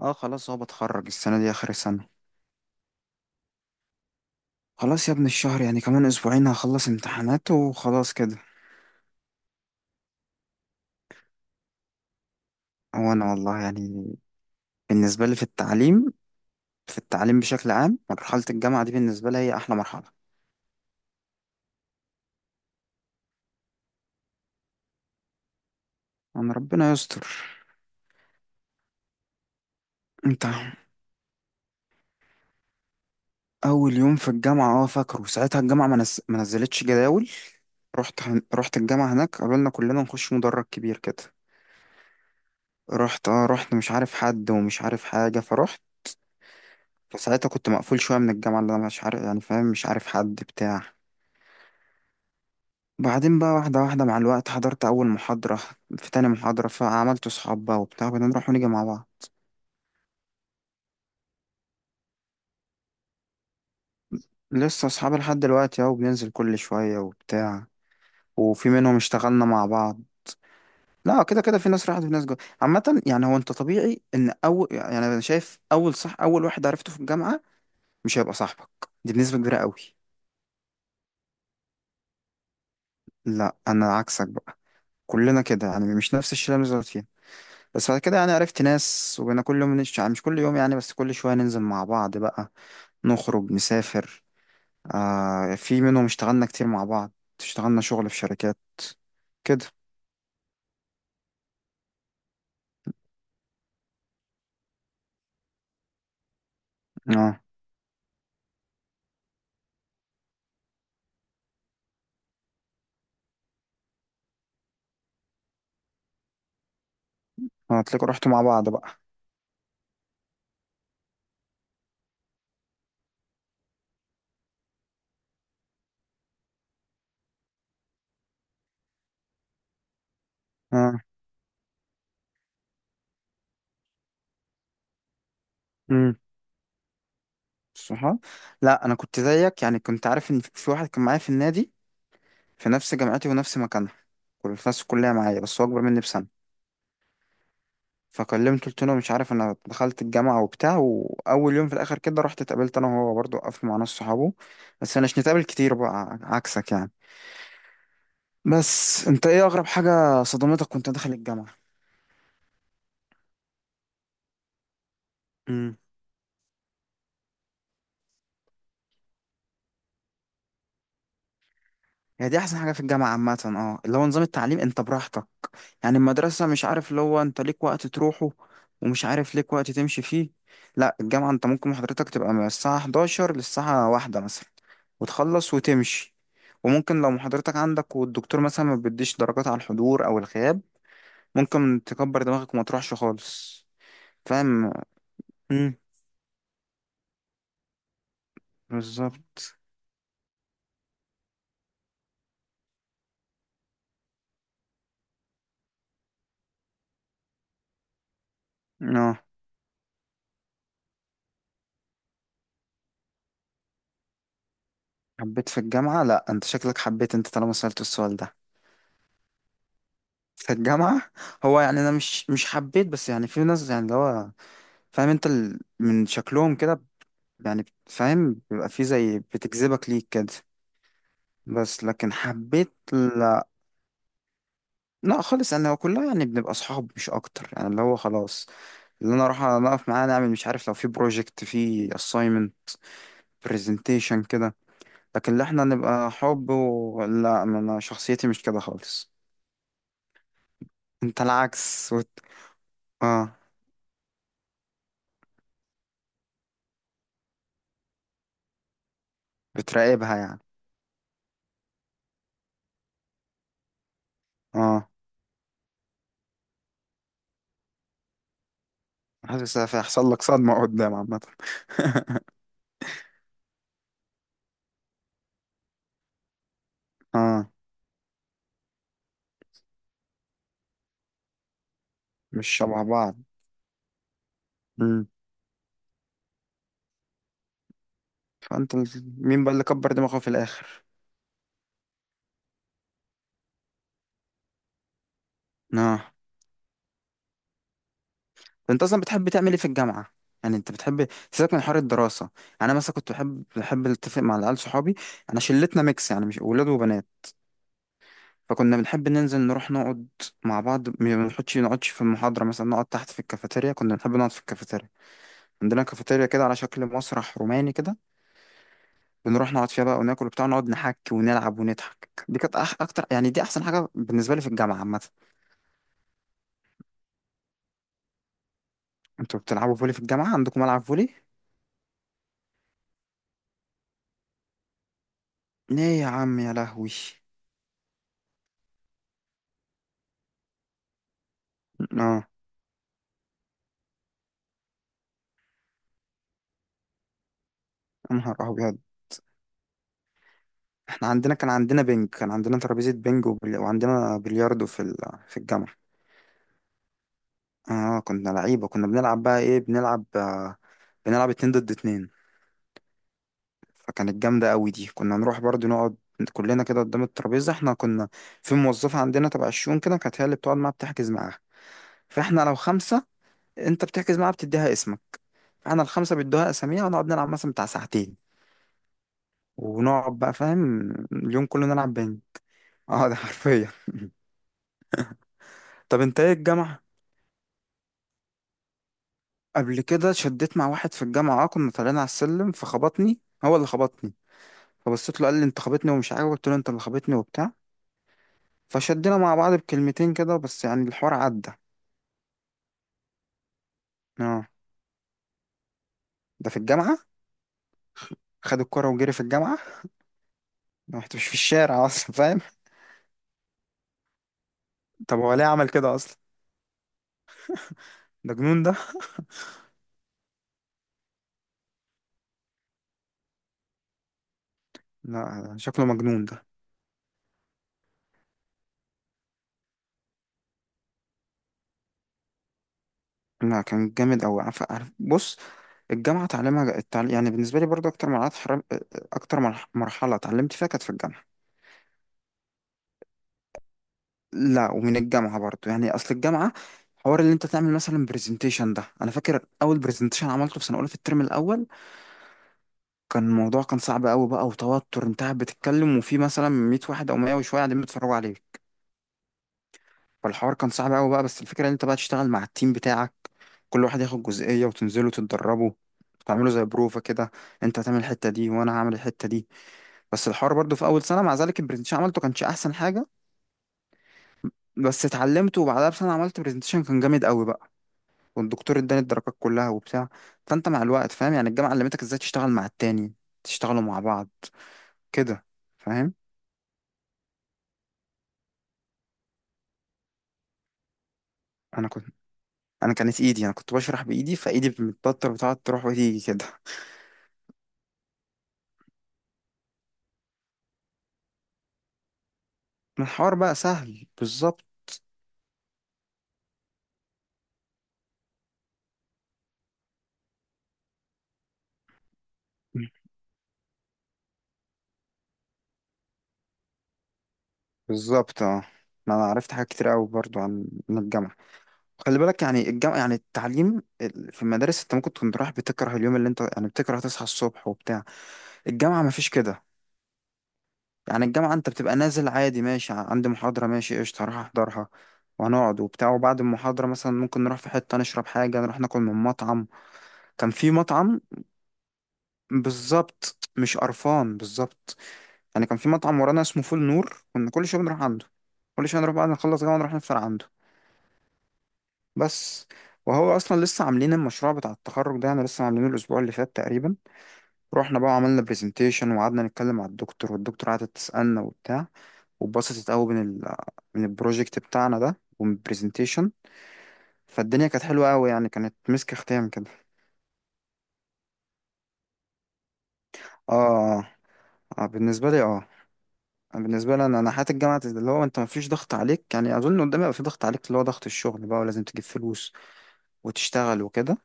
اه خلاص هو بتخرج السنة دي آخر السنة. خلاص يا ابن الشهر، يعني كمان أسبوعين هخلص امتحانات وخلاص كده. هو أنا والله يعني بالنسبة لي في التعليم، في التعليم بشكل عام مرحلة الجامعة دي بالنسبة لي هي أحلى مرحلة. أنا ربنا يستر. أنت أول يوم في الجامعة اه فاكره، ساعتها الجامعة ما نزلتش جداول. رحت الجامعة هناك، قالوا لنا كلنا نخش مدرج كبير كده. رحت، اه رحت مش عارف حد ومش عارف حاجة فرحت. فساعتها كنت مقفول شوية من الجامعة، اللي أنا مش عارف، يعني فاهم، مش عارف حد بتاع. بعدين بقى واحدة واحدة مع الوقت حضرت أول محاضرة، في تاني محاضرة فعملت صحاب بقى وبتاع، بقينا نروح ونيجي مع بعض. لسه صحاب لحد دلوقتي أهو، بننزل كل شوية وبتاع. وفي منهم اشتغلنا مع بعض. لا، كده كده في ناس راحت وفي ناس جت. عامة يعني، هو أنت طبيعي إن أول، يعني أنا شايف أول، صح، أول واحد عرفته في الجامعة مش هيبقى صاحبك، دي بنسبة كبيرة قوي. لا أنا عكسك بقى، كلنا كده يعني، مش نفس الشلة اللي بنزل فيها. بس بعد كده يعني عرفت ناس، وبقينا كل يوم يعني مش كل يوم، يعني بس كل شوية ننزل مع بعض بقى، نخرج، نسافر. آه في منهم اشتغلنا كتير مع بعض، اشتغلنا شغل في شركات كده. اه هتلاقوا رحتوا مع بعض بقى. اه. امم. صح. لا انا كنت زيك، يعني كنت عارف ان في واحد كان معايا في النادي، في نفس جامعتي ونفس مكانها، كل في نفس الكليه معايا، بس هو اكبر مني بسنه. فكلمته قلت له مش عارف انا دخلت الجامعه وبتاع، واول يوم في الاخر كده رحت اتقابلت انا وهو برضه، وقفت مع ناس صحابه. بس مش نتقابل كتير بقى، عكسك يعني. بس انت ايه اغرب حاجه صدمتك وانت داخل الجامعه؟ امم. هي دي احسن حاجه في الجامعه عامه، اه اللي هو نظام التعليم، انت براحتك. يعني المدرسه مش عارف، اللي هو انت ليك وقت تروحه، ومش عارف ليك وقت تمشي فيه. لا الجامعه انت ممكن محاضرتك تبقى من الساعه 11 للساعه واحدة مثلا، وتخلص وتمشي. وممكن لو محاضرتك عندك والدكتور مثلا ما بيديش درجات على الحضور او الغياب، ممكن تكبر دماغك وما تروحش خالص. فاهم. امم. بالظبط. اه حبيت في الجامعه. لا انت شكلك حبيت، انت طالما سألت السؤال ده. في الجامعة. هو يعني أنا مش حبيت، بس يعني في ناس يعني اللي هو فاهم أنت من شكلهم كده، يعني فاهم بيبقى في زي بتجذبك ليك كده. بس لكن حبيت لا. لا خالص، أنا كلها يعني بنبقى أصحاب مش أكتر، يعني اللي هو خلاص، اللي أنا أروح أقف معاه نعمل مش عارف لو في بروجكت، في assignment، presentation كده. لكن اللي احنا نبقى حب لا أنا شخصيتي مش كده خالص. أنت العكس آه. بتراقبها يعني. اه. حاسس هيحصل لك صدمة قدام عامة. اه. مش شبه بعض. مم. فانت مين بقى اللي كبر دماغه في الاخر؟ اه. انت اصلا بتحب تعمل ايه في الجامعة؟ يعني انت بتحب، سيبك من حوار الدراسة، انا مثلا كنت بحب اتفق مع العيال صحابي. انا شلتنا ميكس يعني، مش ولاد وبنات. فكنا بنحب ننزل، نروح نقعد مع بعض، ما بنحطش نقعدش في المحاضرة مثلا، نقعد تحت في الكافيتيريا، كنا بنحب نقعد في الكافيتيريا. عندنا كافيتيريا كده على شكل مسرح روماني كده، بنروح نقعد فيها بقى وناكل وبتاع، ونقعد نحك ونلعب ونضحك. دي كانت اكتر يعني، دي احسن حاجه بالنسبه لي في الجامعه عامه. انتوا بتلعبوا فولي في الجامعه؟ عندكم ملعب فولي؟ ايه يا عم يا لهوي. اه يا نهار ابيض. احنا عندنا، كان عندنا بنج، كان عندنا ترابيزه بنج وعندنا بلياردو في في الجامعه. اه كنا لعيبه كنا بنلعب بقى، ايه بنلعب آه، بنلعب اتنين ضد اتنين. فكانت جامده قوي دي. كنا نروح برضو نقعد كلنا كده قدام الترابيزه، احنا كنا في موظفه عندنا تبع الشؤون كده، كانت هي اللي بتقعد معاها، بتحجز معاها. فاحنا لو خمسة، انت بتحجز معاها بتديها اسمك، فاحنا الخمسة بيدوها اساميها ونقعد نلعب مثلا بتاع ساعتين، ونقعد بقى فاهم اليوم كله نلعب بنج. اه ده حرفيا. طب انت ايه الجامعة، قبل كده شديت مع واحد في الجامعة؟ اه كنا طالعين على السلم فخبطني، هو اللي خبطني، فبصيت له قال لي انت خبطني ومش عارف، قلت له انت اللي خبطني وبتاع. فشدينا مع بعض بكلمتين كده، بس يعني الحوار عدى. اه ده في الجامعة. خد الكرة وجري في الجامعة. ده مش في الشارع. اصلا فاهم. طب هو ليه عمل كده اصلا؟ ده جنون ده. لا شكله مجنون ده. لا كان جامد أوي. بص، الجامعة تعليمها، التعليم يعني بالنسبة لي برضو أكتر مرحلة مرحلة اتعلمت فيها كانت في الجامعة. لا ومن الجامعة برضو، يعني أصل الجامعة حوار اللي أنت تعمل مثلا برزنتيشن ده، أنا فاكر أول برزنتيشن عملته في سنة أولى في الترم الأول، كان الموضوع كان صعب أوي بقى، وتوتر أنت قاعد بتتكلم وفي مثلا 100 واحد أو 100 وشوية قاعدين بيتفرجوا عليك. فالحوار كان صعب قوي بقى، بس الفكره ان انت بقى تشتغل مع التيم بتاعك، كل واحد ياخد جزئيه وتنزلوا تتدربوا، تعملوا زي بروفه كده، انت هتعمل الحته دي وانا هعمل الحته دي. بس الحوار برضو في اول سنه مع ذلك البرزنتيشن عملته كانش احسن حاجه. بس اتعلمته، وبعدها بسنه عملت برزنتيشن كان جامد قوي بقى، والدكتور اداني الدرجات كلها وبتاع. فانت مع الوقت فاهم يعني الجامعه علمتك ازاي تشتغل مع التاني، تشتغلوا مع بعض كده. فاهم. انا كنت انا كانت ايدي، انا كنت بشرح بايدي، فايدي بتتبطر، بتقعد تروح وتيجي كده. الحوار بقى سهل بالظبط. بالظبط اه. ما انا عرفت حاجات كتير قوي برضو عن عن الجامعه. خلي بالك يعني الجامعه، يعني التعليم في المدارس انت ممكن تكون رايح بتكره اليوم، اللي انت يعني بتكره تصحى الصبح وبتاع. الجامعه ما فيش كده. يعني الجامعه انت بتبقى نازل عادي، ماشي عندي محاضره، ماشي قشطه هروح احضرها، وهنقعد وبتاع، وبعد المحاضره مثلا ممكن نروح في حته نشرب حاجه، نروح ناكل من مطعم. كان في مطعم. بالظبط مش قرفان. بالظبط. يعني كان في مطعم ورانا اسمه فول نور، كنا كل شويه بنروح عنده. كل شويه نروح بعد ما نخلص جامعه نروح نفطر عنده. بس. وهو اصلا لسه عاملين المشروع بتاع التخرج ده، يعني لسه عاملينه الاسبوع اللي فات تقريبا. رحنا بقى وعملنا برزنتيشن، وقعدنا نتكلم مع الدكتور، والدكتور قعدت تسالنا وبتاع، واتبسطت قوي من من البروجكت بتاعنا ده ومن البرزنتيشن. فالدنيا كانت حلوه قوي يعني، كانت مسك ختام كده. اه اه. بالنسبه لي اه. بالنسبه لي انا، انا حياه الجامعه اللي هو انت مفيش ضغط عليك يعني، اظن قدامي بقى في ضغط عليك اللي هو ضغط الشغل بقى، ولازم تجيب فلوس وتشتغل وكده.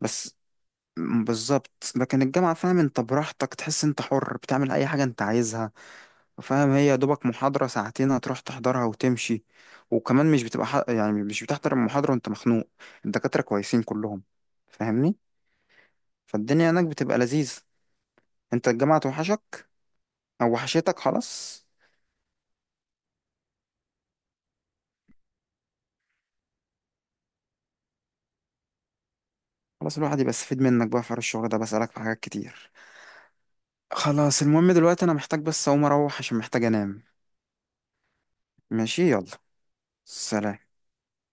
بس بالظبط. لكن الجامعة فاهم انت براحتك، تحس انت حر بتعمل اي حاجة انت عايزها. فاهم هي يا دوبك محاضرة ساعتين هتروح تحضرها وتمشي، وكمان مش بتبقى يعني مش بتحضر المحاضرة وانت مخنوق، الدكاترة كويسين كلهم. فاهمني. فالدنيا هناك بتبقى لذيذ. انت الجامعة توحشك؟ او وحشتك خلاص. خلاص الواحد يبقى استفيد منك بقى في حوار الشغل ده، بسألك في حاجات كتير. خلاص المهم دلوقتي انا محتاج بس اقوم اروح عشان محتاج انام. ماشي يلا. سلام.